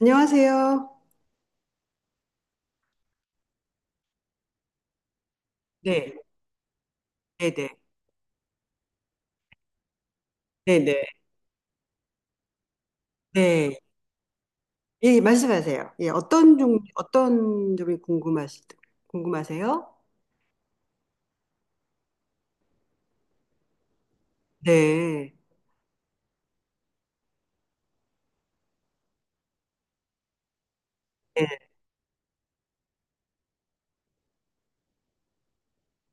안녕하세요. 네, 네네, 네네, 네. 예, 말씀하세요. 예, 어떤 점이 궁금하세요? 네, 네,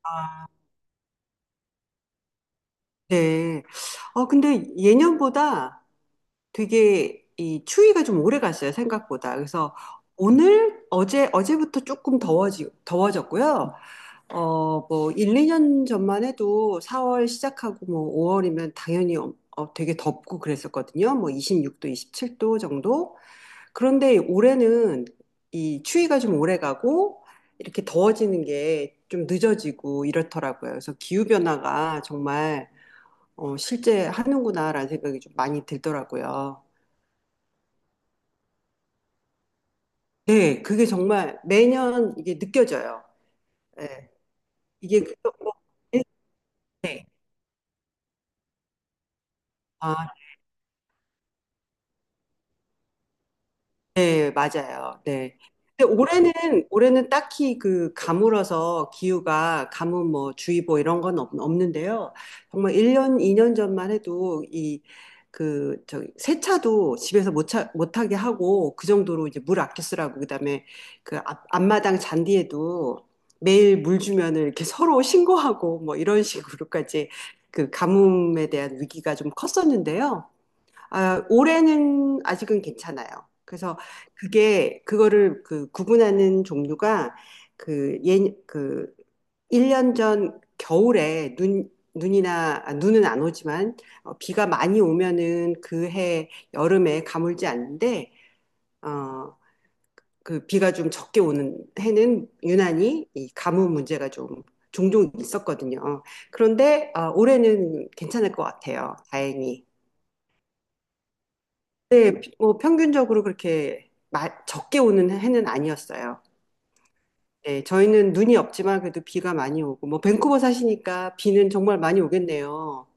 아, 네. 근데 예년보다 되게 이 추위가 좀 오래 갔어요, 생각보다. 그래서 어제부터 조금 더워졌고요. 뭐, 1, 2년 전만 해도 4월 시작하고 뭐 5월이면 당연히 되게 덥고 그랬었거든요. 뭐 26도, 27도 정도. 그런데 올해는 이 추위가 좀 오래 가고 이렇게 더워지는 게 좀 늦어지고 이렇더라고요. 그래서 기후변화가 정말 실제 하는구나라는 생각이 좀 많이 들더라고요. 네, 그게 정말 매년 이게 느껴져요. 네, 이게 그- 네. 아, 네, 맞아요. 네. 근데 올해는 딱히 그 가물어서 기후가 가뭄 뭐 주의보 이런 건 없는데요. 정말 1년, 2년 전만 해도 이 그 저기 세차도 집에서 못 차, 못하게 하고 그 정도로 이제 물 아껴 쓰라고 그다음에 그 앞마당 잔디에도 매일 물 주면은 이렇게 서로 신고하고 뭐 이런 식으로까지 그 가뭄에 대한 위기가 좀 컸었는데요. 아, 올해는 아직은 괜찮아요. 그래서 그거를 그 구분하는 종류가 그 예, 그 1년 전 겨울에 눈이나, 아, 눈은 안 오지만 비가 많이 오면은 그 해 여름에 가물지 않는데, 어, 그 비가 좀 적게 오는 해는 유난히 이 가뭄 문제가 좀 종종 있었거든요. 그런데 아, 올해는 괜찮을 것 같아요. 다행히. 네, 뭐 평균적으로 그렇게 적게 오는 해는 아니었어요. 네, 저희는 눈이 없지만 그래도 비가 많이 오고, 뭐 밴쿠버 사시니까 비는 정말 많이 오겠네요.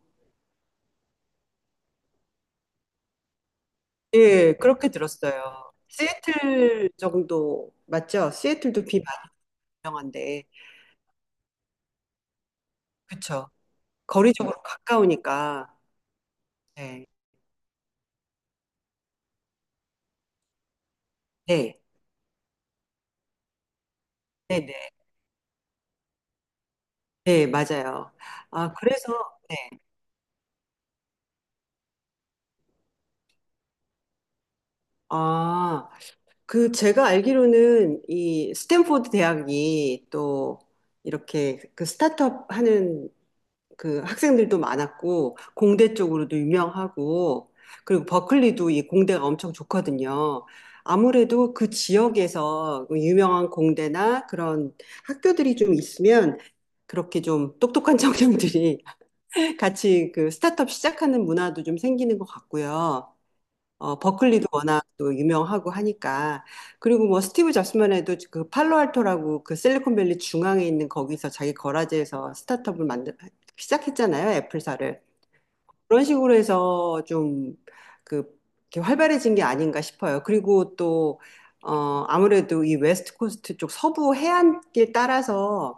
예, 그렇게 들었어요. 시애틀 정도 맞죠? 시애틀도 비 많이 유명한데, 그쵸? 거리적으로 가까우니까, 네, 네, 네, 네, 네, 맞아요. 아, 그래서, 네, 아. 그 제가 알기로는 이 스탠포드 대학이 또 이렇게 그 스타트업 하는 그 학생들도 많았고 공대 쪽으로도 유명하고 그리고 버클리도 이 공대가 엄청 좋거든요. 아무래도 그 지역에서 그 유명한 공대나 그런 학교들이 좀 있으면 그렇게 좀 똑똑한 청년들이 같이 그 스타트업 시작하는 문화도 좀 생기는 것 같고요. 버클리도 워낙 또 유명하고 하니까. 그리고 뭐 스티브 잡스만 해도 그 팔로알토라고 그 실리콘밸리 중앙에 있는 거기서 자기 거라지에서 스타트업을 시작했잖아요. 애플사를. 그런 식으로 해서 좀 그, 이렇게 활발해진 게 아닌가 싶어요. 그리고 또, 아무래도 이 웨스트 코스트 쪽 서부 해안길 따라서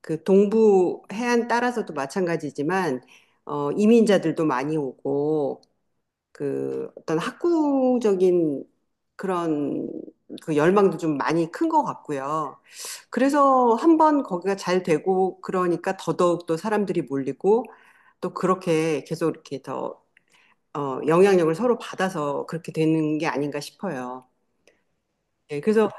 그 동부 해안 따라서도 마찬가지지만, 이민자들도 많이 오고, 그 어떤 학구적인 그런 그 열망도 좀 많이 큰 것 같고요. 그래서 한번 거기가 잘 되고 그러니까 더더욱 또 사람들이 몰리고 또 그렇게 계속 이렇게 더 영향력을 서로 받아서 그렇게 되는 게 아닌가 싶어요. 예, 그래서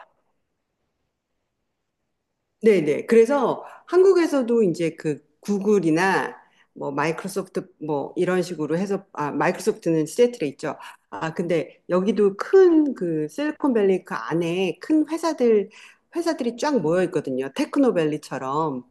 네네. 그래서 한국에서도 이제 그 구글이나 뭐 마이크로소프트 뭐 이런 식으로 해서 아 마이크로소프트는 시애틀에 있죠. 아 근데 여기도 큰 그 실리콘밸리 그 안에 큰 회사들이 쫙 모여 있거든요. 테크노밸리처럼.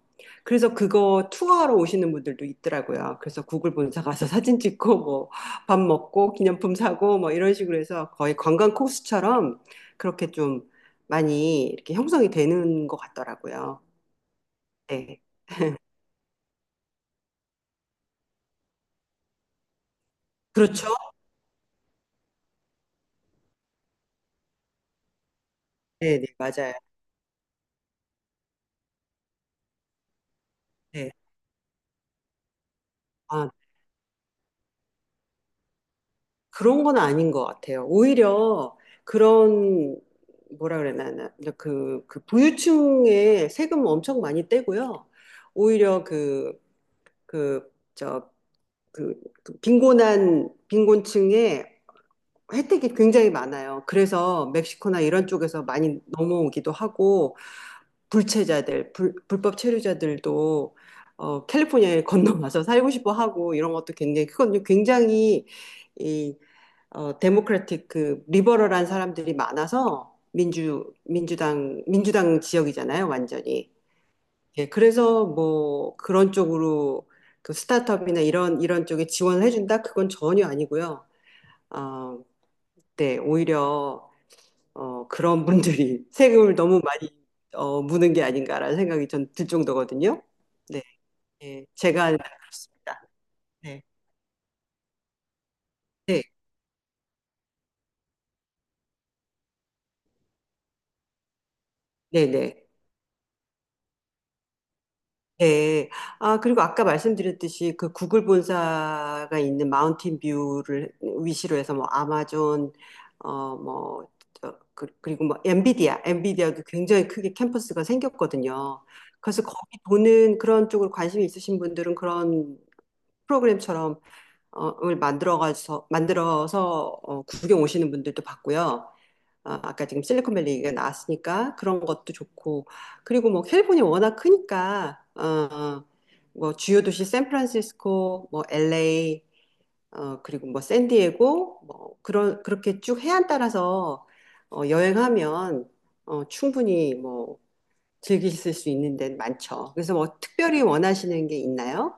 그래서 그거 투어하러 오시는 분들도 있더라고요. 그래서 구글 본사 가서 사진 찍고 뭐 밥 먹고 기념품 사고 뭐 이런 식으로 해서 거의 관광 코스처럼 그렇게 좀 많이 이렇게 형성이 되는 것 같더라고요. 네. 그렇죠? 네, 네, 맞아요. 네. 아, 그런 건 아닌 것 같아요. 오히려 그런, 뭐라 그래야 되나, 그 부유층에 세금 엄청 많이 떼고요. 오히려 그, 저, 그 빈곤층에 혜택이 굉장히 많아요. 그래서 멕시코나 이런 쪽에서 많이 넘어오기도 하고, 불법 체류자들도 캘리포니아에 건너와서 살고 싶어 하고 이런 것도 굉장히 그건 굉장히 이 데모크라틱 그 리버럴한 사람들이 많아서 민주당 지역이잖아요, 완전히. 예, 그래서 뭐 그런 쪽으로 그 스타트업이나 이런 쪽에 지원을 해준다? 그건 전혀 아니고요. 어, 네, 오히려 그런 분들이 세금을 너무 많이 무는 게 아닌가라는 생각이 전 들 정도거든요. 네, 예, 제가 알기로는 그렇습니다. 네, 네, 네, 네. 네. 아, 그리고 아까 말씀드렸듯이 그 구글 본사가 있는 마운틴 뷰를 위시로 해서 뭐 아마존, 어, 뭐, 그리고 뭐 엔비디아도 굉장히 크게 캠퍼스가 생겼거든요. 그래서 거기 도는 그런 쪽으로 관심이 있으신 분들은 그런 프로그램처럼 을 만들어서 구경 오시는 분들도 봤고요. 아, 아까 지금 실리콘밸리가 나왔으니까 그런 것도 좋고. 그리고 뭐 캘리포니아 워낙 크니까, 뭐 주요 도시 샌프란시스코, 뭐 LA, 그리고 뭐 샌디에고, 뭐 그런, 그렇게 쭉 해안 따라서 여행하면 충분히 뭐 즐기실 수 있는 데는 많죠. 그래서 뭐 특별히 원하시는 게 있나요?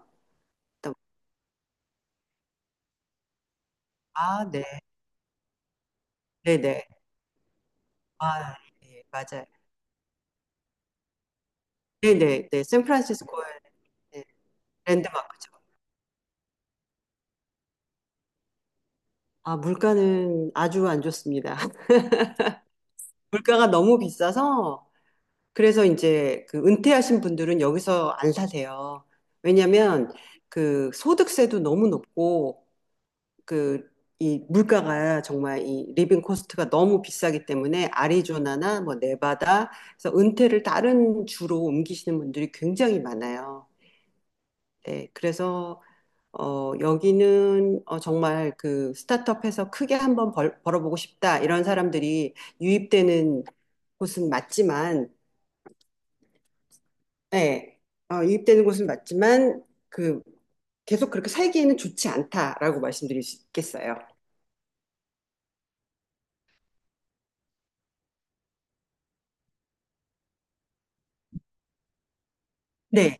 아, 네. 네네. 아, 예, 맞아요. 네네, 네, 네. 샌프란시스코의 네, 랜드마크죠. 아, 물가는 아주 안 좋습니다. 물가가 너무 비싸서, 그래서 이제 그 은퇴하신 분들은 여기서 안 사세요. 왜냐면 그 소득세도 너무 높고, 그 이 물가가 정말 이 리빙 코스트가 너무 비싸기 때문에 아리조나나 뭐 네바다, 그래서 은퇴를 다른 주로 옮기시는 분들이 굉장히 많아요. 네, 그래서 여기는 정말 그 스타트업해서 크게 한번 벌어보고 싶다 이런 사람들이 유입되는 곳은 맞지만, 예, 어, 유입되는 곳은 맞지만 그 계속 그렇게 살기에는 좋지 않다라고 말씀드릴 수 있겠어요. 네,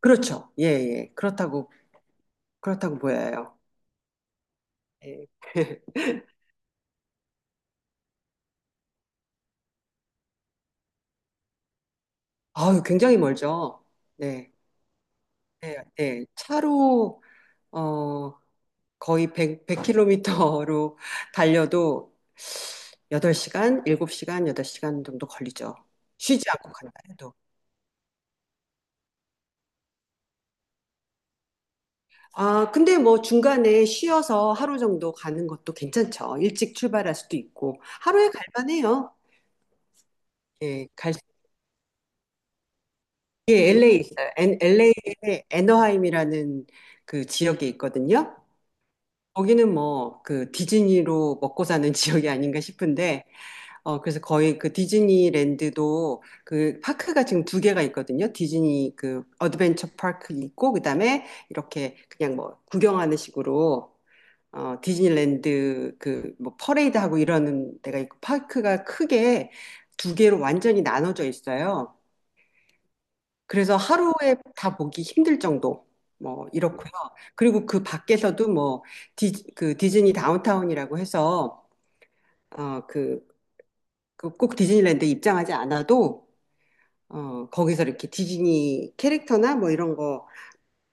그렇죠. 예, 예, 그렇다고 보여요. 예. 아유, 굉장히 멀죠. 네, 네, 네. 차로 어. 거의 100, 100km로 달려도 8시간, 7시간, 8시간 정도 걸리죠. 쉬지 않고 간다 해도. 아, 근데 뭐 중간에 쉬어서 하루 정도 가는 것도 괜찮죠. 일찍 출발할 수도 있고. 하루에 갈만해요. 예, 예, LA 있어요. LA에 애너하임이라는 그 지역이 있거든요. 거기는 뭐 그 디즈니로 먹고 사는 지역이 아닌가 싶은데 그래서 거의 그 디즈니랜드도 그 파크가 지금 2개가 있거든요. 디즈니 그 어드벤처 파크 있고, 그 다음에 이렇게 그냥 뭐 구경하는 식으로, 디즈니랜드 그 뭐 퍼레이드 하고 이러는 데가 있고, 파크가 크게 2개로 완전히 나눠져 있어요. 그래서 하루에 다 보기 힘들 정도. 뭐, 이렇고요. 그리고 그 밖에서도 뭐, 그 디즈니 다운타운이라고 해서, 그, 그 꼭 디즈니랜드에 입장하지 않아도 거기서 이렇게 디즈니 캐릭터나 뭐 이런 거,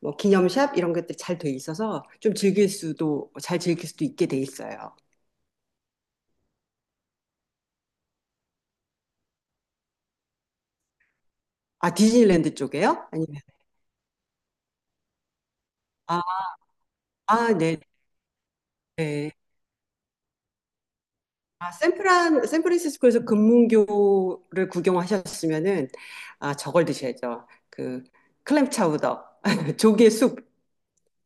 뭐 기념샵 이런 것들이 잘 돼 있어서 좀 잘 즐길 수도 있게 돼 있어요. 아, 디즈니랜드 쪽에요? 아니면, 아, 아, 네, 네. 아, 샌프란시스코에서 금문교를 구경하셨으면은, 아, 저걸 드셔야죠. 그, 클램 차우더, 조개 숲.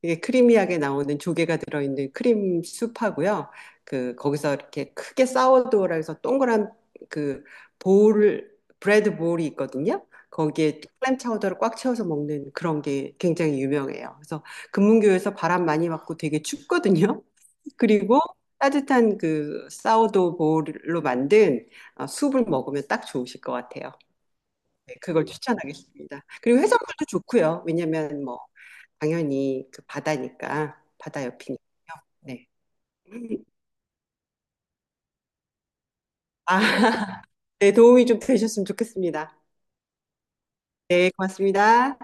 이게 크리미하게 나오는 조개가 들어있는 크림 수프하고요. 그 거기서 이렇게 크게 사워도우라 해서 동그란 그 볼, 브레드 볼이 있거든요. 거기에 클램 차우더를 꽉 채워서 먹는 그런 게 굉장히 유명해요. 그래서 금문교에서 바람 많이 맞고 되게 춥거든요. 그리고 따뜻한 그 사워도우 볼로 만든 수프를 먹으면 딱 좋으실 것 같아요. 네, 그걸 추천하겠습니다. 그리고 해산물도 좋고요. 왜냐면 뭐 당연히 그 바다니까, 바다 옆이니까요. 네. 아, 네, 도움이 좀 되셨으면 좋겠습니다. 네, 고맙습니다.